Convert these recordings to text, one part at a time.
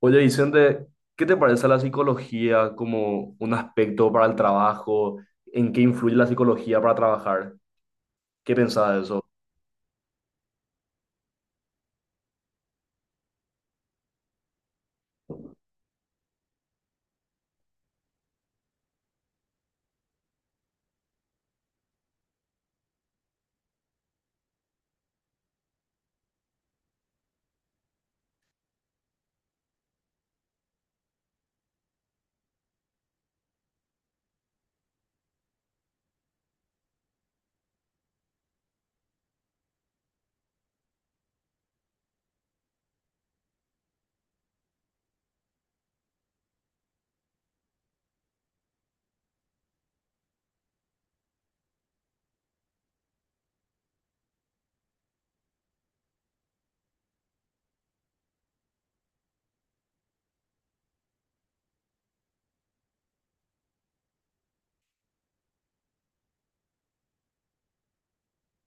Oye, Vicente, ¿qué te parece la psicología como un aspecto para el trabajo? ¿En qué influye la psicología para trabajar? ¿Qué pensás de eso?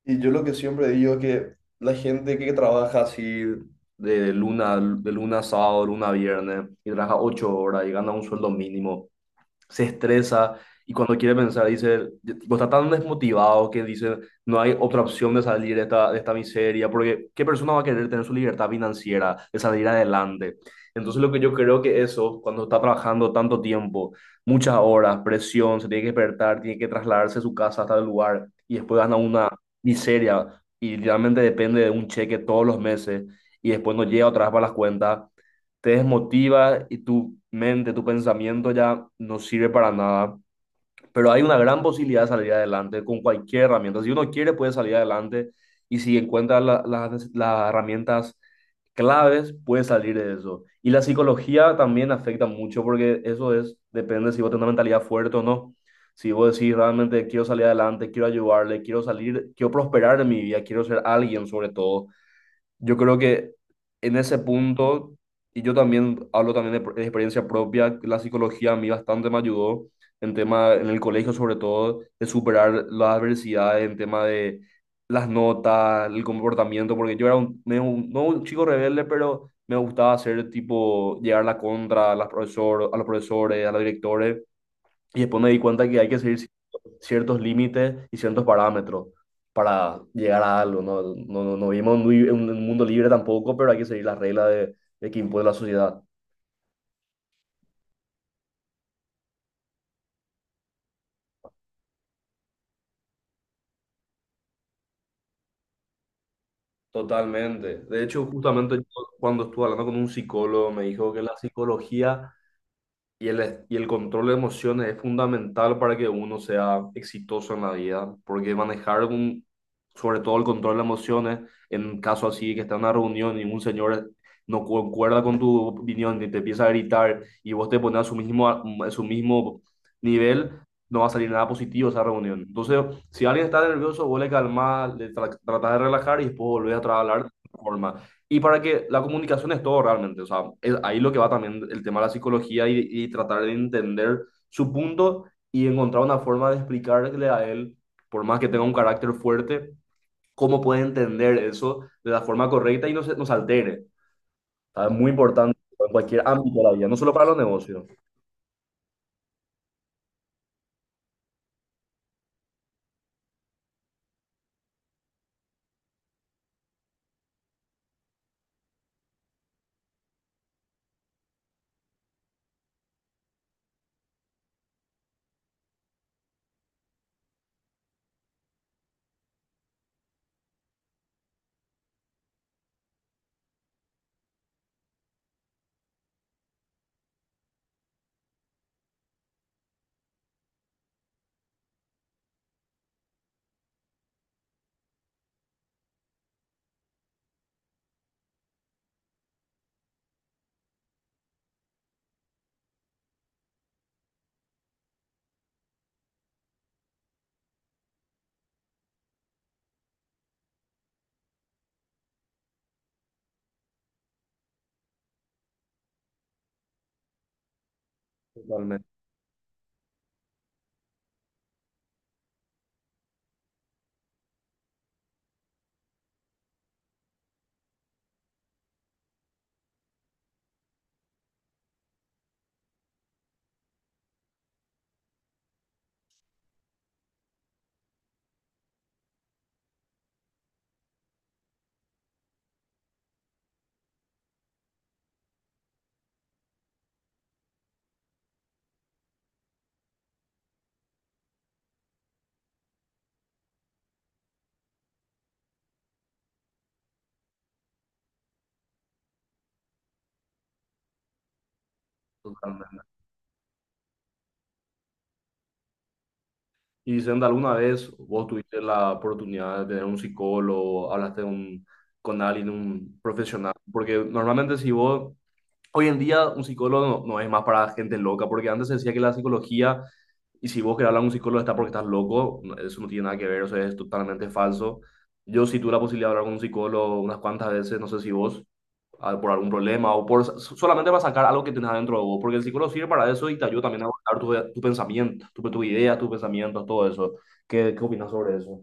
Y yo lo que siempre digo es que la gente que trabaja así, De luna a sábado, luna a viernes, y trabaja ocho horas y gana un sueldo mínimo, se estresa y cuando quiere pensar dice, tipo, está tan desmotivado que dice, no hay otra opción de salir de esta miseria, porque ¿qué persona va a querer tener su libertad financiera, de salir adelante? Entonces lo que yo creo que eso, cuando está trabajando tanto tiempo, muchas horas, presión, se tiene que despertar, tiene que trasladarse de su casa hasta el lugar y después gana una miseria y literalmente depende de un cheque todos los meses y después no llega otra vez para las cuentas, te desmotiva y tu mente, tu pensamiento ya no sirve para nada. Pero hay una gran posibilidad de salir adelante con cualquier herramienta. Si uno quiere, puede salir adelante y si encuentra las herramientas claves, puede salir de eso. Y la psicología también afecta mucho porque eso es, depende si vos tenés una mentalidad fuerte o no. Si vos decís realmente quiero salir adelante, quiero ayudarle, quiero salir, quiero prosperar en mi vida, quiero ser alguien. Sobre todo yo creo que en ese punto, y yo también hablo también de experiencia propia, la psicología a mí bastante me ayudó en tema, en el colegio sobre todo, de superar las adversidades, en tema de las notas, el comportamiento, porque yo era un, medio no un chico rebelde, pero me gustaba hacer tipo, llegar la contra a a los profesores, a los directores, y después me di cuenta que hay que seguir ciertos límites y ciertos parámetros para llegar a algo, ¿no? No, no, no vivimos en en un mundo libre tampoco, pero hay que seguir las reglas de, que impone la sociedad. Totalmente. De hecho, justamente yo, cuando estuve hablando con un psicólogo, me dijo que la psicología y el, y el control de emociones es fundamental para que uno sea exitoso en la vida, porque manejar sobre todo el control de emociones, en caso así que está en una reunión y un señor no concuerda con tu opinión y te empieza a gritar y vos te pones a su mismo nivel, no va a salir nada positivo esa reunión. Entonces, si alguien está nervioso, vos le calmás, le tratás de relajar y después volvés a trabajar de otra forma. Y para que la comunicación es todo realmente, o sea, es ahí lo que va también el tema de la psicología y tratar de entender su punto y encontrar una forma de explicarle a él, por más que tenga un carácter fuerte, cómo puede entender eso de la forma correcta y no se nos altere. O sea, es muy importante en cualquier ámbito de la vida, no solo para los negocios. Totalmente, totalmente. Y diciendo, ¿alguna vez vos tuviste la oportunidad de tener un psicólogo, hablaste de con alguien, un profesional? Porque normalmente si vos, hoy en día un psicólogo no, no es más para gente loca, porque antes se decía que la psicología, y si vos querés hablar a un psicólogo está porque estás loco, no, eso no tiene nada que ver, o sea, es totalmente falso. Yo sí tuve la posibilidad de hablar con un psicólogo unas cuantas veces, no sé si vos, por algún problema o por solamente para sacar algo que tenés adentro de vos, porque el psicólogo sirve para eso y te ayuda también a abordar tu, tu pensamiento, tu, tus ideas, tus pensamientos, todo eso. ¿Qué, qué opinas sobre eso?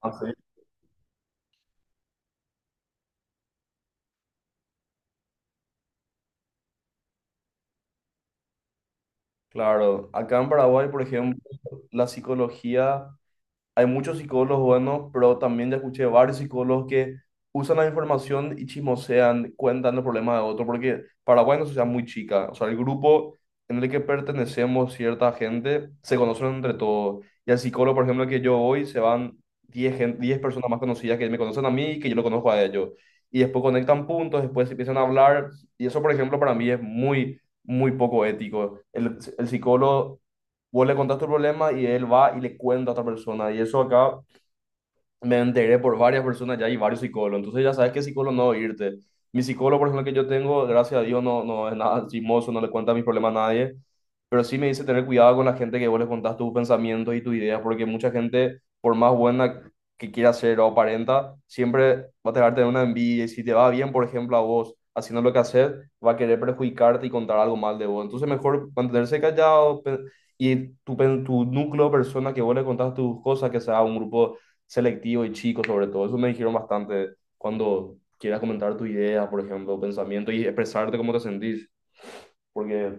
Ah, sí. Claro, acá en Paraguay, por ejemplo, la psicología... Hay muchos psicólogos buenos, pero también ya escuché varios psicólogos que usan la información y chismosean, cuentan los problemas de otro, porque Paraguay es una sociedad muy chica. O sea, el grupo en el que pertenecemos cierta gente se conocen entre todos. Y al psicólogo, por ejemplo, al que yo voy, se van 10 personas más conocidas que me conocen a mí y que yo lo conozco a ellos. Y después conectan puntos, después empiezan a hablar. Y eso, por ejemplo, para mí es muy, muy poco ético. El psicólogo, vos le contás tu problema y él va y le cuenta a otra persona. Y eso acá me enteré por varias personas ya y varios psicólogos. Entonces ya sabes qué psicólogo no irte. Mi psicólogo, por ejemplo, que yo tengo, gracias a Dios, no, no es nada chismoso, no le cuenta mis problemas a nadie, pero sí me dice tener cuidado con la gente que vos le contás tus pensamientos y tus ideas, porque mucha gente, por más buena que quiera ser o aparenta, siempre va a tratar de una envidia y si te va bien, por ejemplo, a vos haciendo lo que haces, va a querer perjudicarte y contar algo mal de vos. Entonces, mejor mantenerse callado y tu núcleo de personas que vos le contás tus cosas, que sea un grupo selectivo y chico sobre todo. Eso me dijeron bastante, cuando quieras comentar tu idea, por ejemplo, pensamiento y expresarte cómo te sentís, porque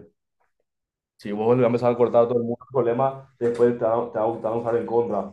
si vos le vas a empezar a cortar a todo el mundo el problema, después te va a gustar usar en contra.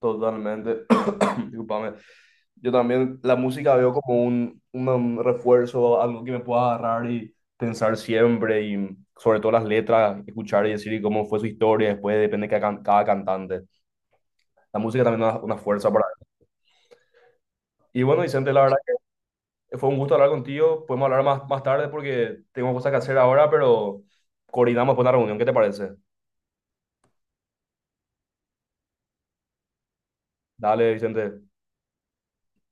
Totalmente. discúlpame. Yo también la música veo como un refuerzo, algo que me pueda agarrar y pensar siempre, y sobre todo las letras, escuchar y decir y cómo fue su historia, después depende de cada cantante. La música también es una fuerza para... Y bueno, Vicente, la verdad que fue un gusto hablar contigo. Podemos hablar más, más tarde porque tengo cosas que hacer ahora, pero coordinamos después la reunión. ¿Qué te parece? Dale, Vicente.